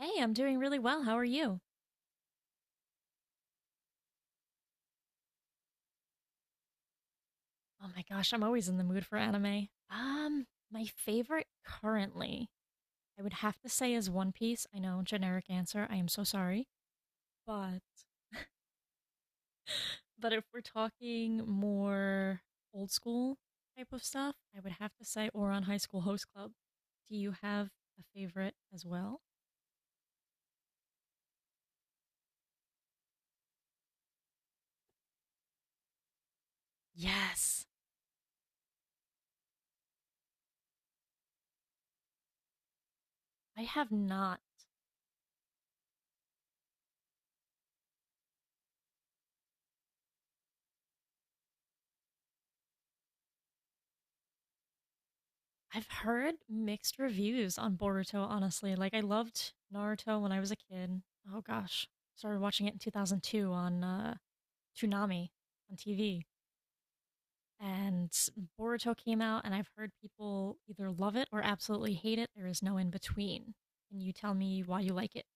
Hey, I'm doing really well. How are you? Oh my gosh, I'm always in the mood for anime. My favorite currently, I would have to say is One Piece. I know, generic answer. I am so sorry. But but if we're talking more old school type of stuff, I would have to say Oron High School Host Club. Do you have a favorite as well? Yes. I have not. I've heard mixed reviews on Boruto, honestly. Like, I loved Naruto when I was a kid. Oh gosh. Started watching it in 2002 on Toonami on TV. And Boruto came out, and I've heard people either love it or absolutely hate it. There is no in between. Can you tell me why you like it?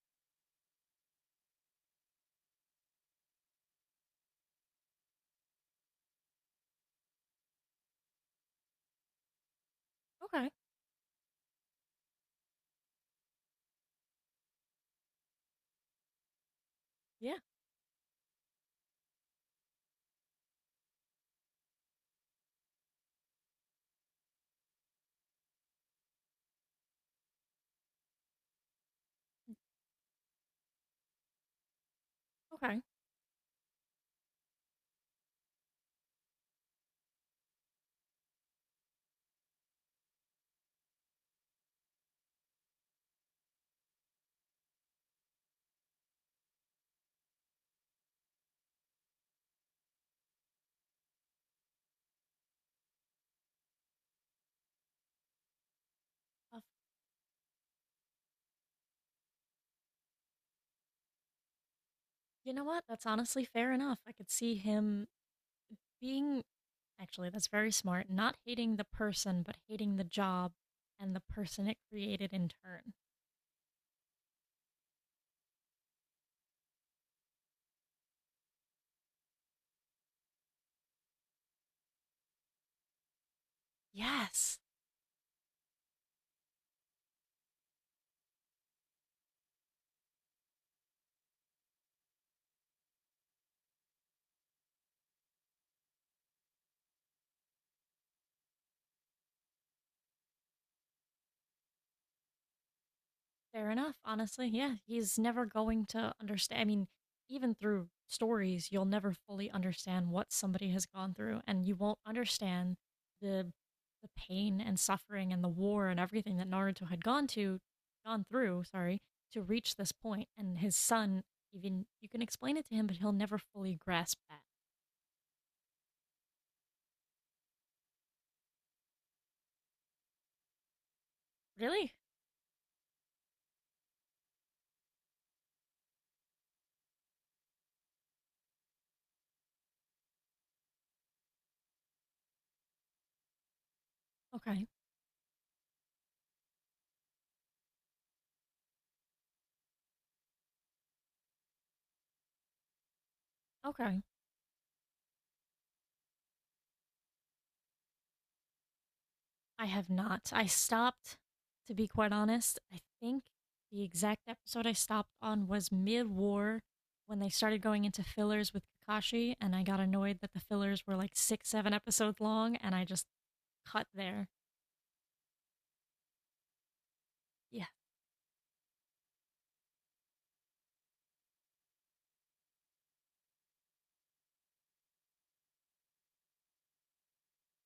Okay. Yeah. Okay. Uh, you know what? That's honestly fair enough. I could see him being. Actually, that's very smart. Not hating the person, but hating the job and the person it created in turn. Yes, fair enough, honestly. Yeah, he's never going to understand. I mean, even through stories, you'll never fully understand what somebody has gone through, and you won't understand the the pain and suffering and the war and everything that Naruto had gone through, sorry, to reach this point. And his son, even you can explain it to him, but he'll never fully grasp that. Really? Okay. Okay. I have not. I stopped, to be quite honest. I think the exact episode I stopped on was mid war when they started going into fillers with Kakashi, and I got annoyed that the fillers were like six, seven episodes long, and I just cut there. Yeah.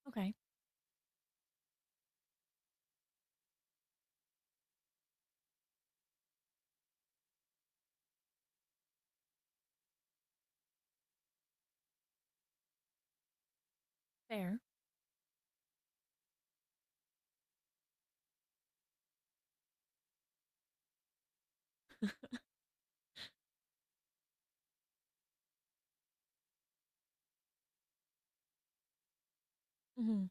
Okay. Fair. Hmm.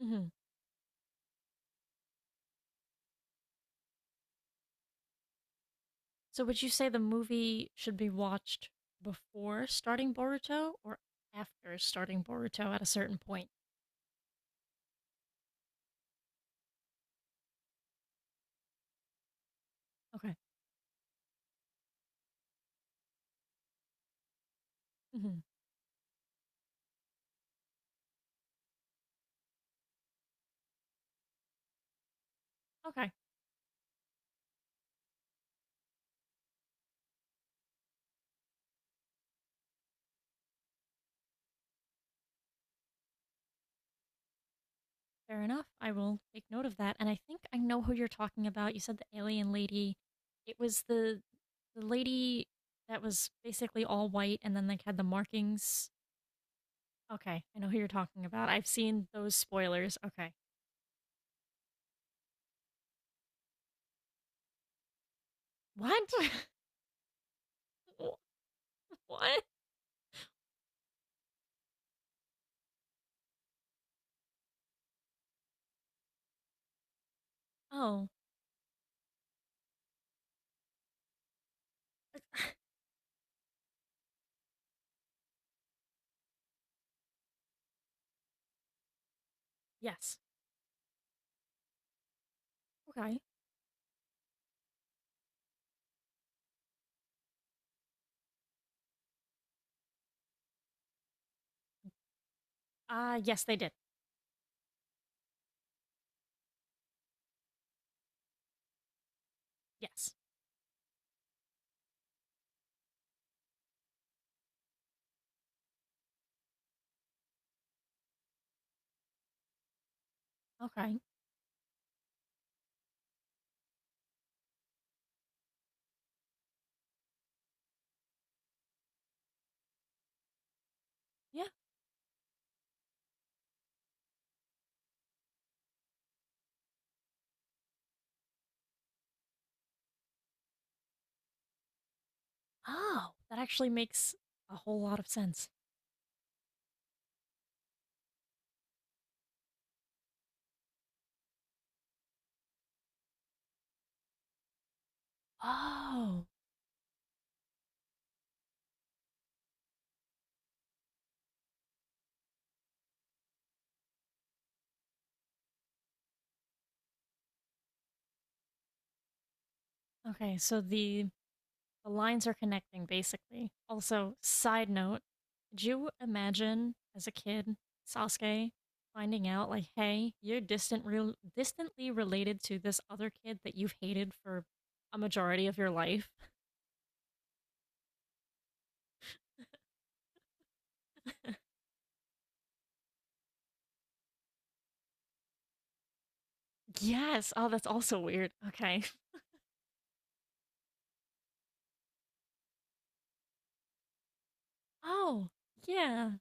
Hmm. So would you say the movie should be watched before starting Boruto or after starting Boruto at a certain point? Okay. Hmm. Okay. Fair enough. I will take note of that. And I think I know who you're talking about. You said the alien lady. It was The lady that was basically all white and then like had the markings. Okay, I know who you're talking about. I've seen those spoilers. Okay. What? What? Oh. Yes. Okay. Yes, they did. Yes. Okay. Yeah. Oh, that actually makes a whole lot of sense. Oh. Okay, so the The lines are connecting, basically. Also, side note, could you imagine as a kid Sasuke finding out, like, hey, you're distant real distantly related to this other kid that you've hated for a majority of your life? Yes. Oh, that's also weird. Okay. Oh, yeah.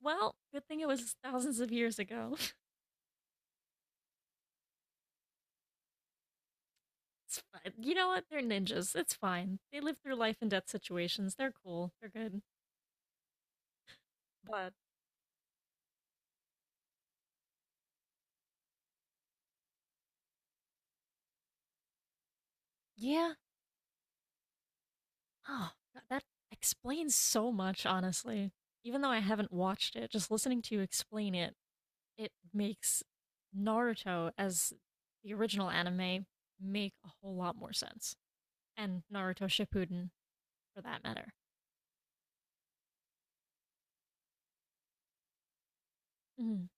Well, good thing it was thousands of years ago. It's fine. You know what? They're ninjas. It's fine. They live through life and death situations. They're cool. They're good. But yeah, oh, that explains so much, honestly. Even though I haven't watched it, just listening to you explain it, it makes Naruto as the original anime make a whole lot more sense. And Naruto Shippuden, for that matter. Mhm.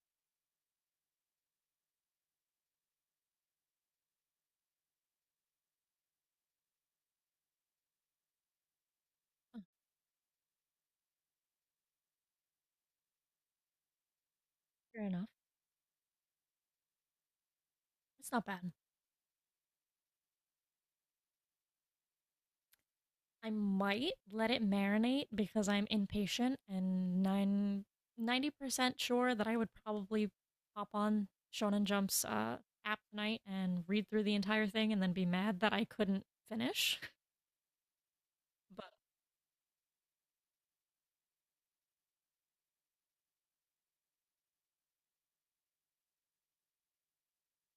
Oh, fair enough. It's not bad. I might let it marinate because I'm impatient and 90% sure that I would probably pop on Shonen Jump's app tonight and read through the entire thing and then be mad that I couldn't finish. But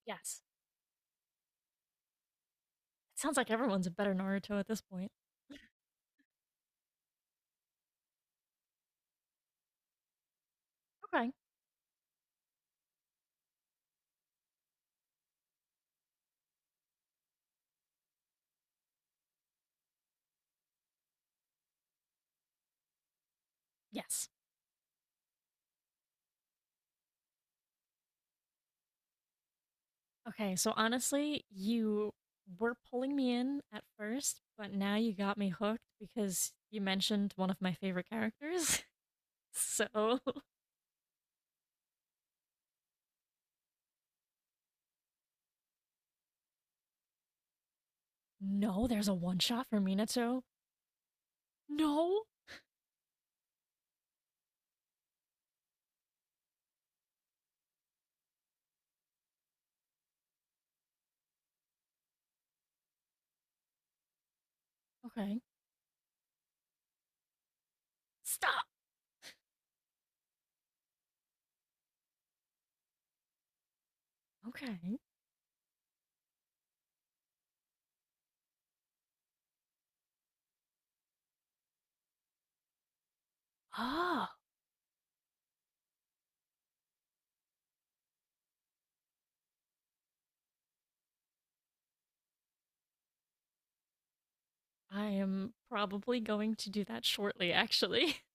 yes, it sounds like everyone's a better Naruto at this point. Okay. Yes. Okay, so honestly, you were pulling me in at first, but now you got me hooked because you mentioned one of my favorite characters. So, no, there's a one shot for Minato. No. Okay. Stop. Okay. Ah, I am probably going to do that shortly, actually.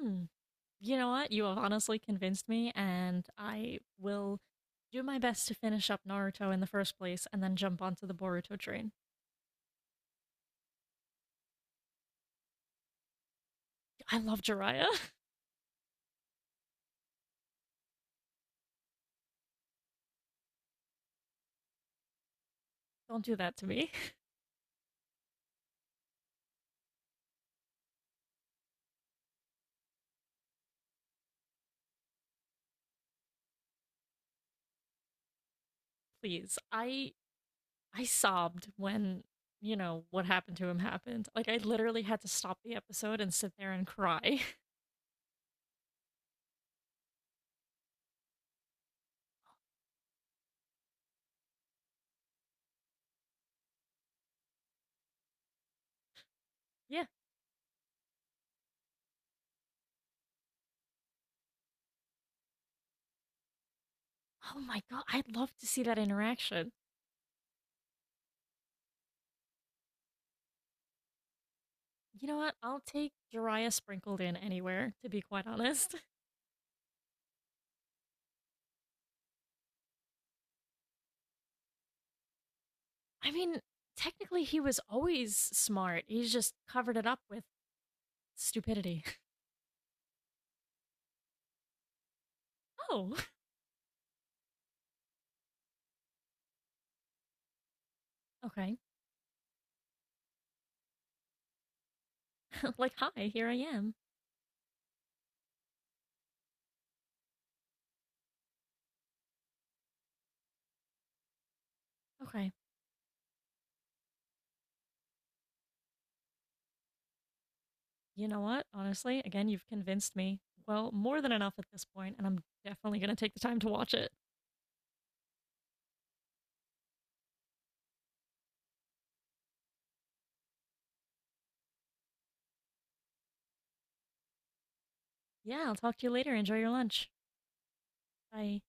Hmm. You know what? You have honestly convinced me, and I will do my best to finish up Naruto in the first place and then jump onto the Boruto train. I love Jiraiya. Don't do that to me, please. I sobbed when, you know what happened to him happened. Like I literally had to stop the episode and sit there and cry. Yeah, oh my god, I'd love to see that interaction. You know what? I'll take Jiraiya sprinkled in anywhere, to be quite honest. I mean, technically, he was always smart. He's just covered it up with stupidity. Oh, okay. Like, hi, here I am. Okay. You know what? Honestly, again, you've convinced me. Well, more than enough at this point, and I'm definitely going to take the time to watch it. Yeah, I'll talk to you later. Enjoy your lunch. Bye.